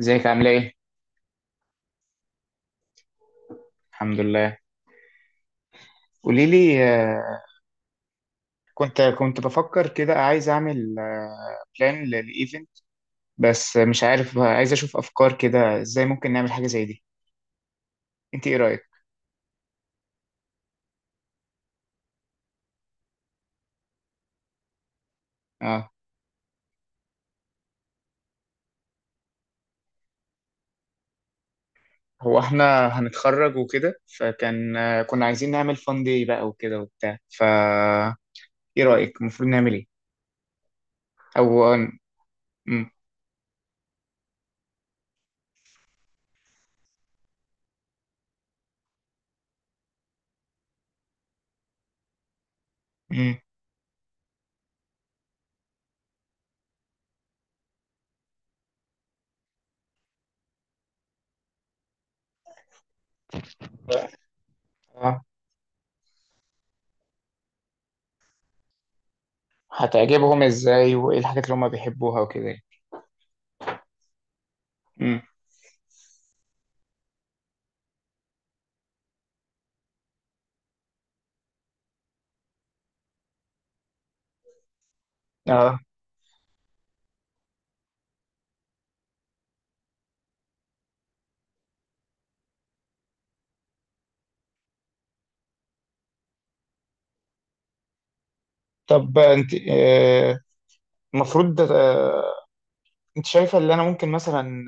ازيك؟ عامله ايه؟ الحمد لله. قولي لي. كنت بفكر كده، عايز اعمل بلان للايفنت، بس مش عارف. عايز اشوف افكار كده ازاي ممكن نعمل حاجه زي دي. انت ايه رايك؟ اه، هو احنا هنتخرج وكده، فكان كنا عايزين نعمل فان داي بقى وكده وبتاع فا. ايه رايك المفروض نعمل ايه؟ او مم، مم. اه، هتعجبهم ازاي، وايه الحاجات اللي هم بيحبوها وكده يعني. امم. اه، طب انت المفروض. انت شايفه اللي انا ممكن مثلا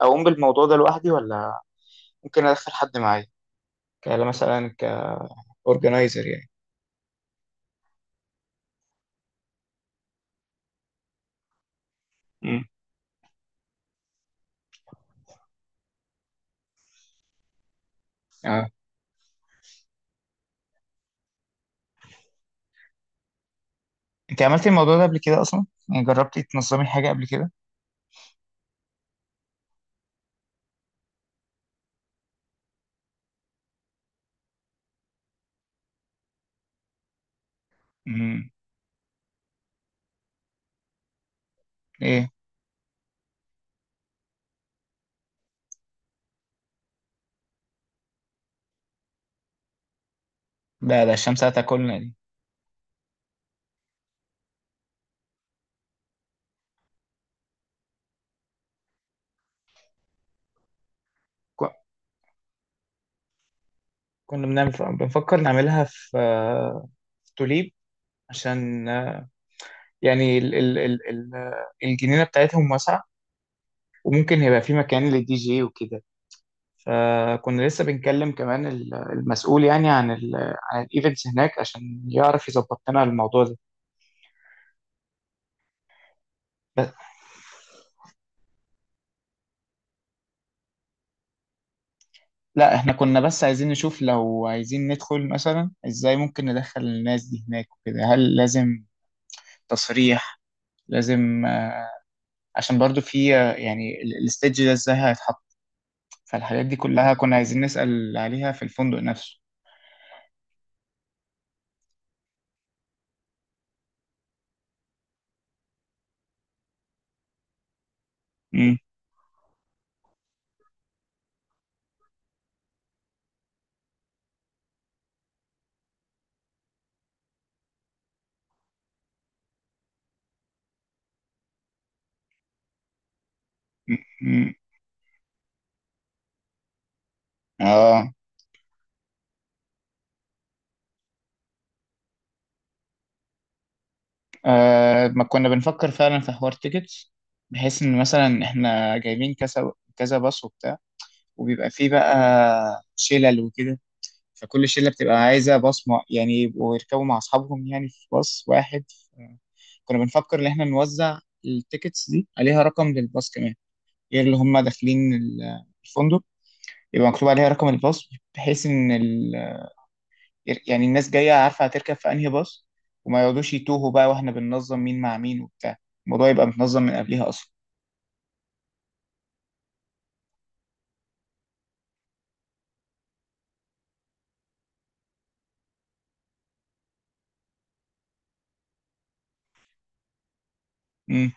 اقوم بالموضوع ده لوحدي، ولا ممكن ادخل حد معايا كلا مثلا كاورجنايزر يعني؟ امم. اه، انت عملتي الموضوع ده قبل كده اصلا؟ يعني جربتي تنظمي حاجه قبل كده؟ امم. ايه؟ لا، ده الشمس هتاكلنا دي. ك- كنا بنعمل، بنفكر نعملها في في توليب، عشان يعني الجنينه بتاعتهم واسعه، وممكن يبقى في مكان للدي جي وكده. فكنا لسه بنكلم كمان المسؤول يعني عن عن الايفنتس هناك، عشان يعرف يظبط لنا الموضوع ده. بس لا، احنا كنا بس عايزين نشوف لو عايزين ندخل مثلا، ازاي ممكن ندخل الناس دي هناك وكده، هل لازم تصريح، لازم عشان برضو في يعني الستيج ده ازاي هيتحط. فالحاجات دي كلها كنا عايزين نسأل عليها في الفندق نفسه. امم. امم. اه. آه، ما كنا بنفكر فعلا في حوار تيكتس، بحيث ان مثلا احنا جايبين كذا كذا باص وبتاع، وبيبقى فيه بقى شلل وكده، فكل شلة بتبقى عايزة باص. مع يعني يبقوا يركبوا مع أصحابهم يعني في باص واحد. كنا بنفكر إن إحنا نوزع التيكتس دي، عليها رقم للباص كمان غير اللي هم داخلين الفندق، يبقى مكتوب عليها رقم الباص، بحيث إن يعني الناس جاية عارفة هتركب في أنهي باص، وما يقعدوش يتوهوا بقى، وإحنا بننظم مين مع مين وبتاع. الموضوع يبقى متنظم من قبلها أصلا. امم.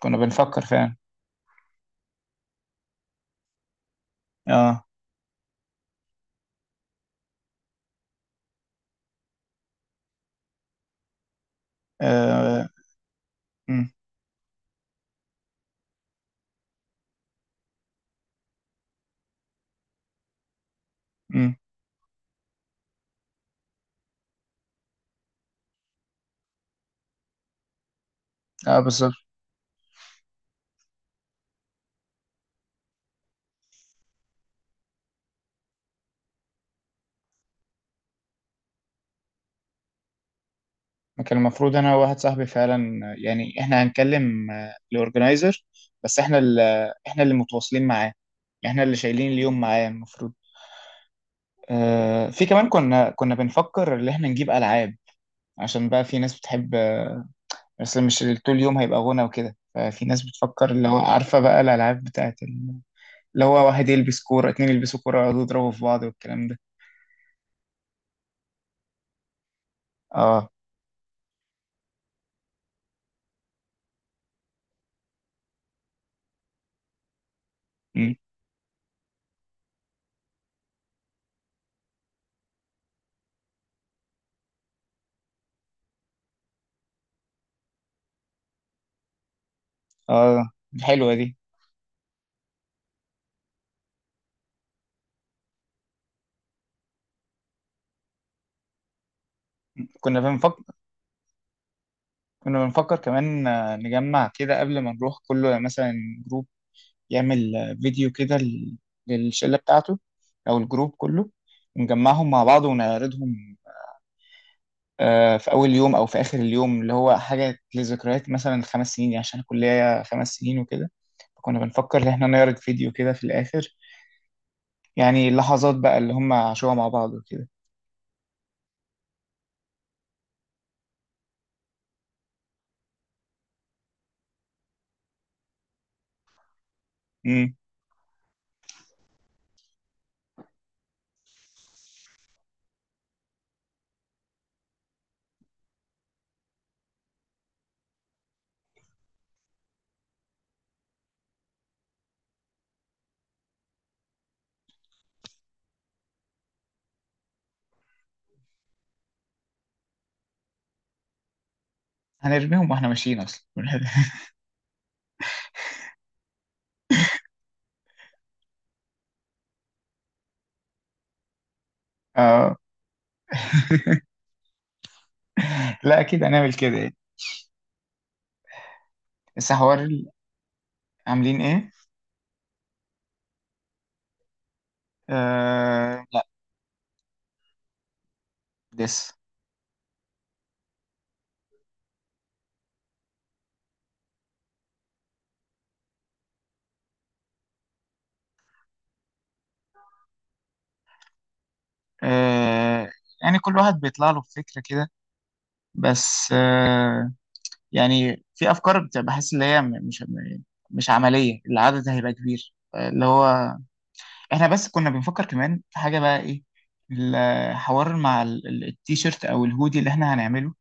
كنا بنفكر فعلا. اه. اه. امم. امم. اه بالظبط. ما كان المفروض أنا وواحد صاحبي فعلا يعني إحنا هنكلم الأورجنايزر، بس إحنا اللي، إحنا اللي متواصلين معاه، إحنا اللي شايلين اليوم معاه المفروض. آه، في كمان كنا بنفكر إن إحنا نجيب ألعاب، عشان بقى في ناس بتحب، بس مش طول اليوم هيبقى غنى وكده، ففي ناس بتفكر اللي هو، عارفة بقى الألعاب بتاعت اللي هو واحد يلبس كورة، اتنين يلبسوا كورة، يقعدوا يضربوا في بعض والكلام ده. اه. مم. اه حلوة دي. كنا بنفكر، كنا بنفكر كمان نجمع كده قبل ما نروح كله مثلا جروب يعمل فيديو كده للشلة بتاعته، أو الجروب كله، ونجمعهم مع بعض ونعرضهم في أول يوم أو في آخر اليوم، اللي هو حاجة لذكريات مثلا. 5 سنين يعني، عشان الكلية 5 سنين وكده. فكنا بنفكر إن إحنا نعرض فيديو كده في الآخر، يعني اللحظات بقى اللي هم عاشوها مع بعض وكده. مم. هنرميهم وإحنا ماشيين أصلا. آه. لا أكيد هنعمل كده يعني. بس حوار عاملين إيه؟ آه لا، لسه. آه يعني كل واحد بيطلع له بفكرة كده، بس آه، يعني في افكار بحس اللي هي مش مش عمليه، العدد هيبقى كبير اللي هو. احنا بس كنا بنفكر كمان في حاجه بقى، ايه الحوار مع التيشيرت او الهودي اللي احنا هنعمله،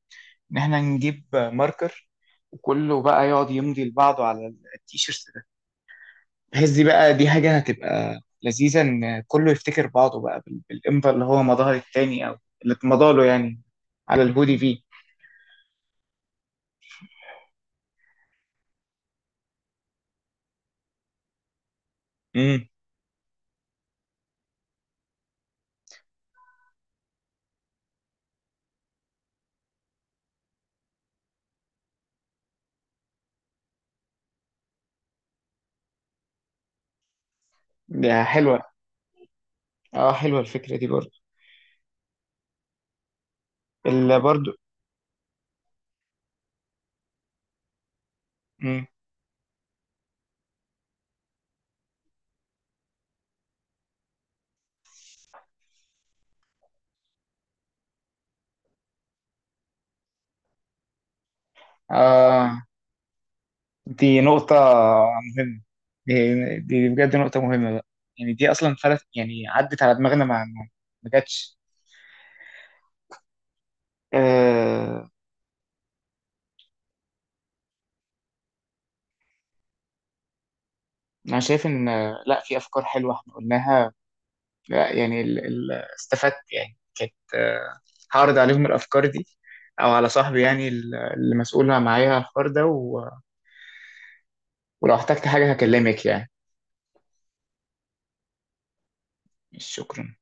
ان احنا نجيب ماركر، وكله بقى يقعد يمضي لبعضه على التيشيرت ده، بحيث دي بقى دي حاجه هتبقى لذيذه، ان كله يفتكر بعضه بقى بالامضاء اللي هو مضاها التاني، او اللي اتمضى له يعني على الهودي فيه. امم. ده حلوه. اه حلوه الفكره دي برضه. برضه. مم. آه، دي نقطة مهمة. دي, دي بجد نقطة مهمة بقى، يعني دي أصلا فلت، يعني عدت على دماغنا، ما ما جاتش. آه، أنا شايف إن لا في أفكار حلوة إحنا قلناها. لا يعني ال ال استفدت يعني، كانت آه. هعرض عليهم الأفكار دي، أو على صاحبي يعني اللي مسؤول معايا على الحوار ده و، ولو احتجت حاجة هكلمك يعني. شكرا.